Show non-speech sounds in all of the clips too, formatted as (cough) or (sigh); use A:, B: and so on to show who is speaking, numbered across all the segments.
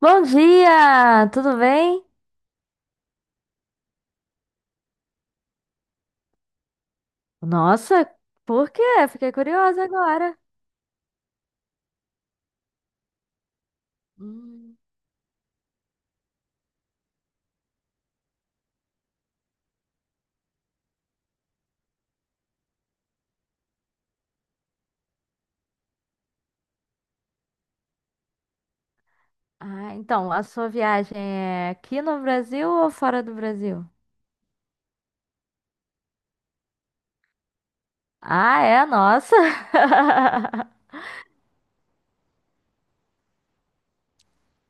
A: Bom dia, tudo bem? Nossa, por quê? Fiquei curiosa agora. Hum. Ah, então, a sua viagem é aqui no Brasil ou fora do Brasil? Ah, é? Nossa! (laughs)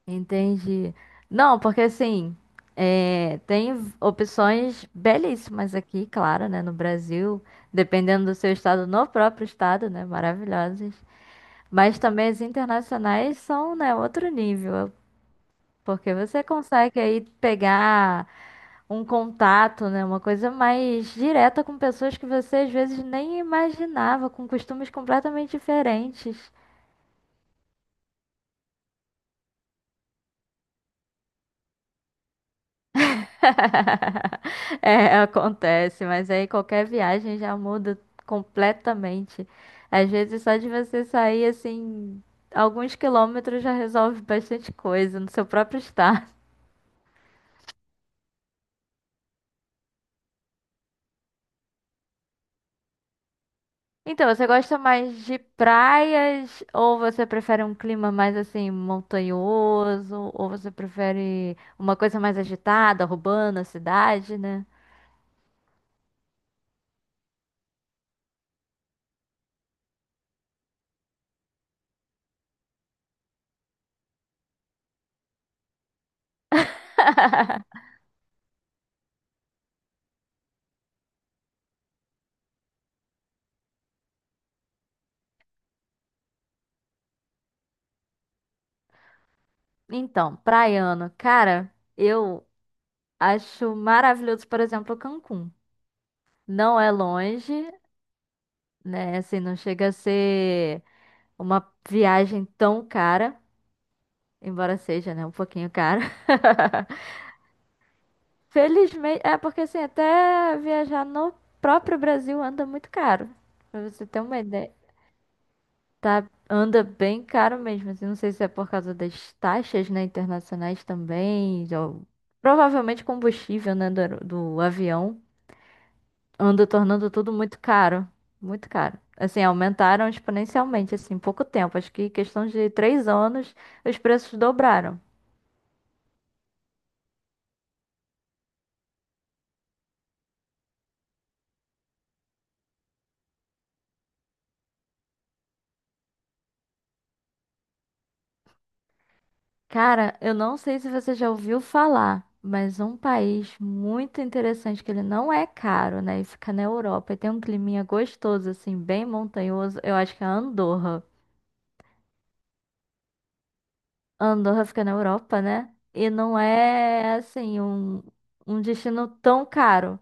A: Entendi. Não, porque assim, é, tem opções belíssimas aqui, claro, né, no Brasil, dependendo do seu estado, no próprio estado, né, maravilhosas. Mas também as internacionais são, né, outro nível. Porque você consegue aí pegar um contato, né? Uma coisa mais direta com pessoas que você às vezes nem imaginava, com costumes completamente diferentes. (laughs) É, acontece, mas aí qualquer viagem já muda completamente. Às vezes só de você sair assim, alguns quilômetros já resolve bastante coisa no seu próprio estado. Então, você gosta mais de praias ou você prefere um clima mais assim montanhoso ou você prefere uma coisa mais agitada, urbana, cidade, né? (laughs) Então, praiano, cara, eu acho maravilhoso, por exemplo, Cancún. Não é longe, né? Assim, não chega a ser uma viagem tão cara, embora seja, né, um pouquinho cara. (laughs) Felizmente, é porque assim, até viajar no próprio Brasil anda muito caro. Pra você ter uma ideia, tá? Anda bem caro mesmo. Assim, não sei se é por causa das taxas, né, internacionais também, ou provavelmente combustível, né, do avião, anda tornando tudo muito caro, muito caro. Assim, aumentaram exponencialmente, assim, em pouco tempo. Acho que em questão de 3 anos, os preços dobraram. Cara, eu não sei se você já ouviu falar, mas um país muito interessante, que ele não é caro, né? E fica na Europa e tem um climinha gostoso, assim, bem montanhoso. Eu acho que é Andorra. Andorra fica na Europa, né? E não é, assim, um destino tão caro.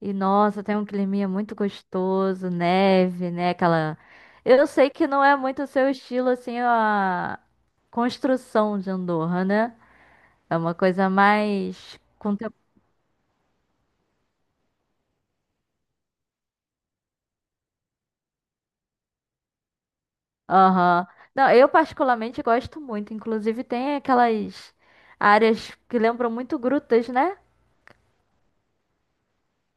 A: E nossa, tem um climinha muito gostoso, neve, né? Aquela. Eu sei que não é muito o seu estilo, assim, a construção de Andorra, né? É uma coisa mais. Aham. Não, eu particularmente gosto muito. Inclusive tem aquelas áreas que lembram muito grutas, né?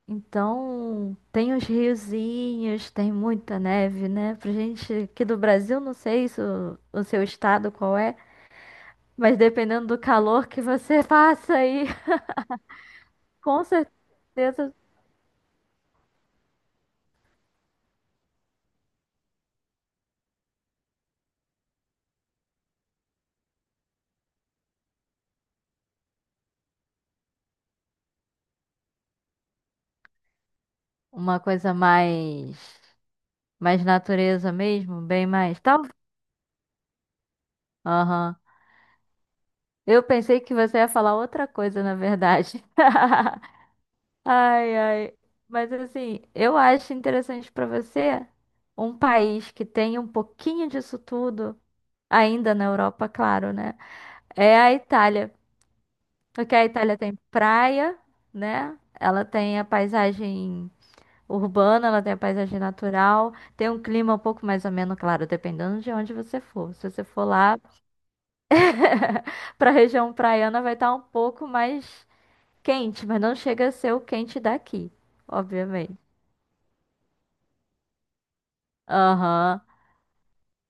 A: Então tem os riozinhos, tem muita neve, né? Pra gente aqui do Brasil, não sei se o seu estado qual é, mas dependendo do calor que você passa aí, (laughs) com certeza uma coisa mais natureza mesmo, bem mais tal. Aham. Eu pensei que você ia falar outra coisa, na verdade. (laughs) Ai, ai. Mas assim, eu acho interessante para você um país que tem um pouquinho disso tudo, ainda na Europa, claro, né? É a Itália. Porque a Itália tem praia, né? Ela tem a paisagem urbana, ela tem a paisagem natural, tem um clima um pouco mais ameno, claro, dependendo de onde você for. Se você for lá (laughs) para a região praiana, vai estar um pouco mais quente, mas não chega a ser o quente daqui, obviamente. Aham.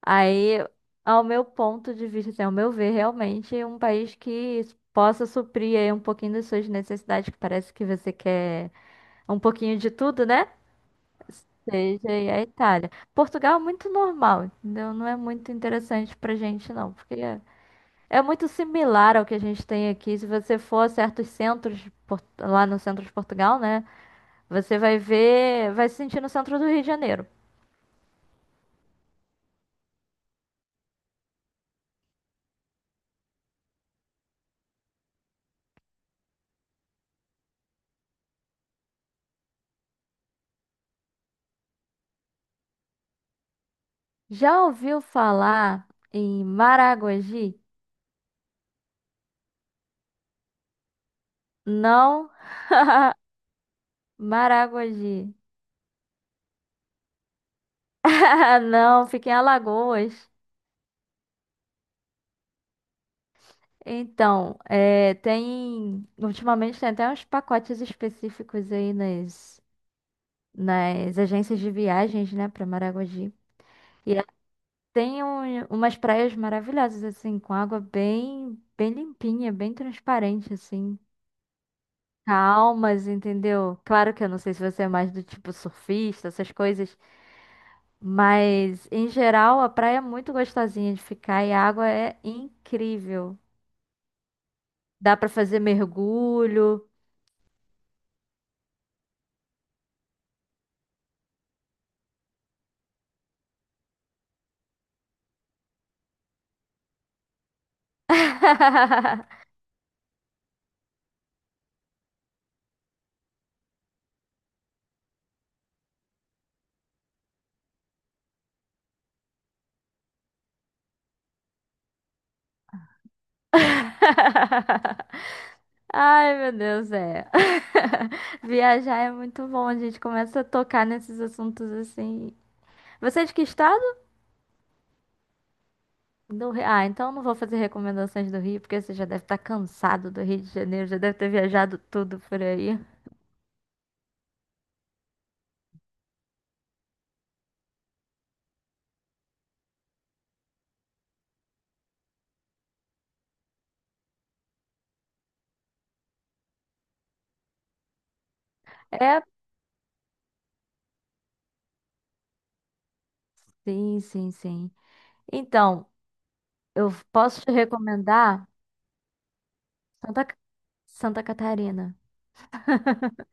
A: Aí, ao meu ponto de vista, assim, ao meu ver, realmente um país que possa suprir aí um pouquinho das suas necessidades, que parece que você quer um pouquinho de tudo, né? Seja aí a Itália. Portugal é muito normal, entendeu? Não é muito interessante pra gente, não, porque é muito similar ao que a gente tem aqui. Se você for a certos centros, lá no centro de Portugal, né? Você vai ver, vai se sentir no centro do Rio de Janeiro. Já ouviu falar em Maragogi? Não. Maragogi. (laughs) Ah, não, fica em Alagoas. Então, é, tem. Ultimamente tem até uns pacotes específicos aí nas agências de viagens, né, para Maragogi. E ela umas praias maravilhosas, assim, com água bem limpinha, bem transparente, assim. Calmas, entendeu? Claro que eu não sei se você é mais do tipo surfista, essas coisas. Mas, em geral, a praia é muito gostosinha de ficar e a água é incrível. Dá pra fazer mergulho. (laughs) Ai, meu Deus, é. (laughs) Viajar é muito bom, a gente começa a tocar nesses assuntos assim. Você é de que estado? Do Rio. Ah, então eu não vou fazer recomendações do Rio, porque você já deve estar cansado do Rio de Janeiro, já deve ter viajado tudo por aí. É, sim. Então, eu posso te recomendar Santa, Ca- Santa Catarina. (laughs)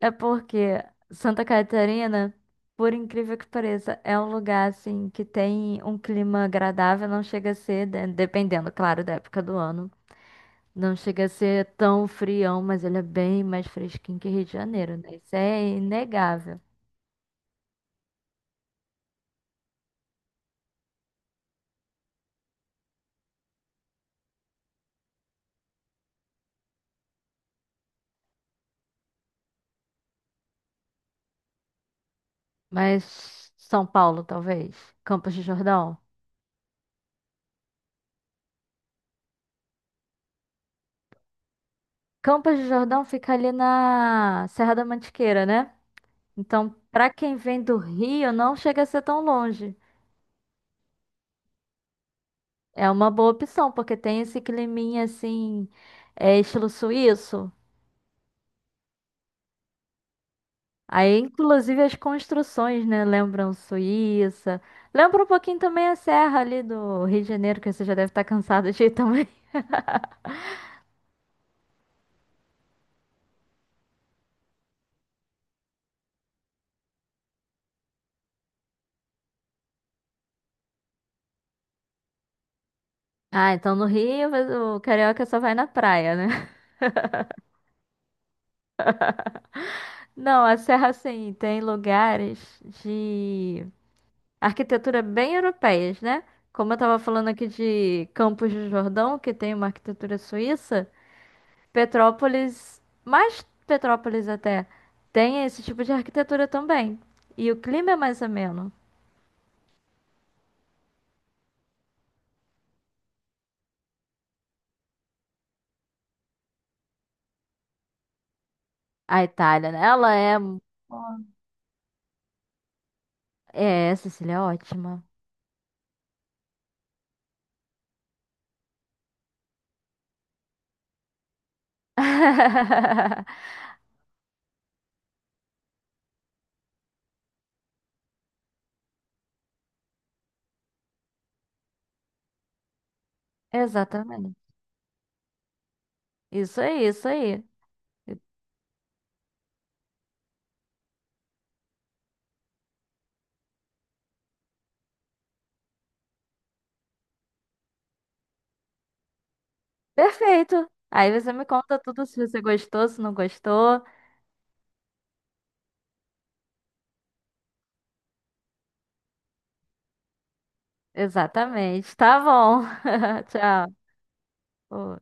A: É porque Santa Catarina, por incrível que pareça, é um lugar assim que tem um clima agradável, não chega a ser, dependendo, claro, da época do ano, não chega a ser tão frião, mas ele é bem mais fresquinho que Rio de Janeiro, né? Isso é inegável. Mas São Paulo, talvez, Campos de Jordão. Campos de Jordão fica ali na Serra da Mantiqueira, né? Então, pra quem vem do Rio, não chega a ser tão longe. É uma boa opção, porque tem esse climinha assim, é, estilo suíço. Aí, inclusive, as construções, né? Lembram Suíça. Lembra um pouquinho também a serra ali do Rio de Janeiro, que você já deve estar cansado de ir também. (laughs) Ah, então no Rio, mas o carioca só vai na praia, né? (laughs) Não, a serra, assim, tem lugares de arquitetura bem europeias, né? Como eu tava falando aqui de Campos do Jordão, que tem uma arquitetura suíça. Petrópolis, mais Petrópolis até, tem esse tipo de arquitetura também. E o clima é mais ameno. A Itália, né? Ela é. É, Sicília é ótima. (laughs) Exatamente. Isso aí, isso aí. Perfeito. Aí você me conta tudo se você gostou, se não gostou. Exatamente. Tá bom. (laughs) Tchau.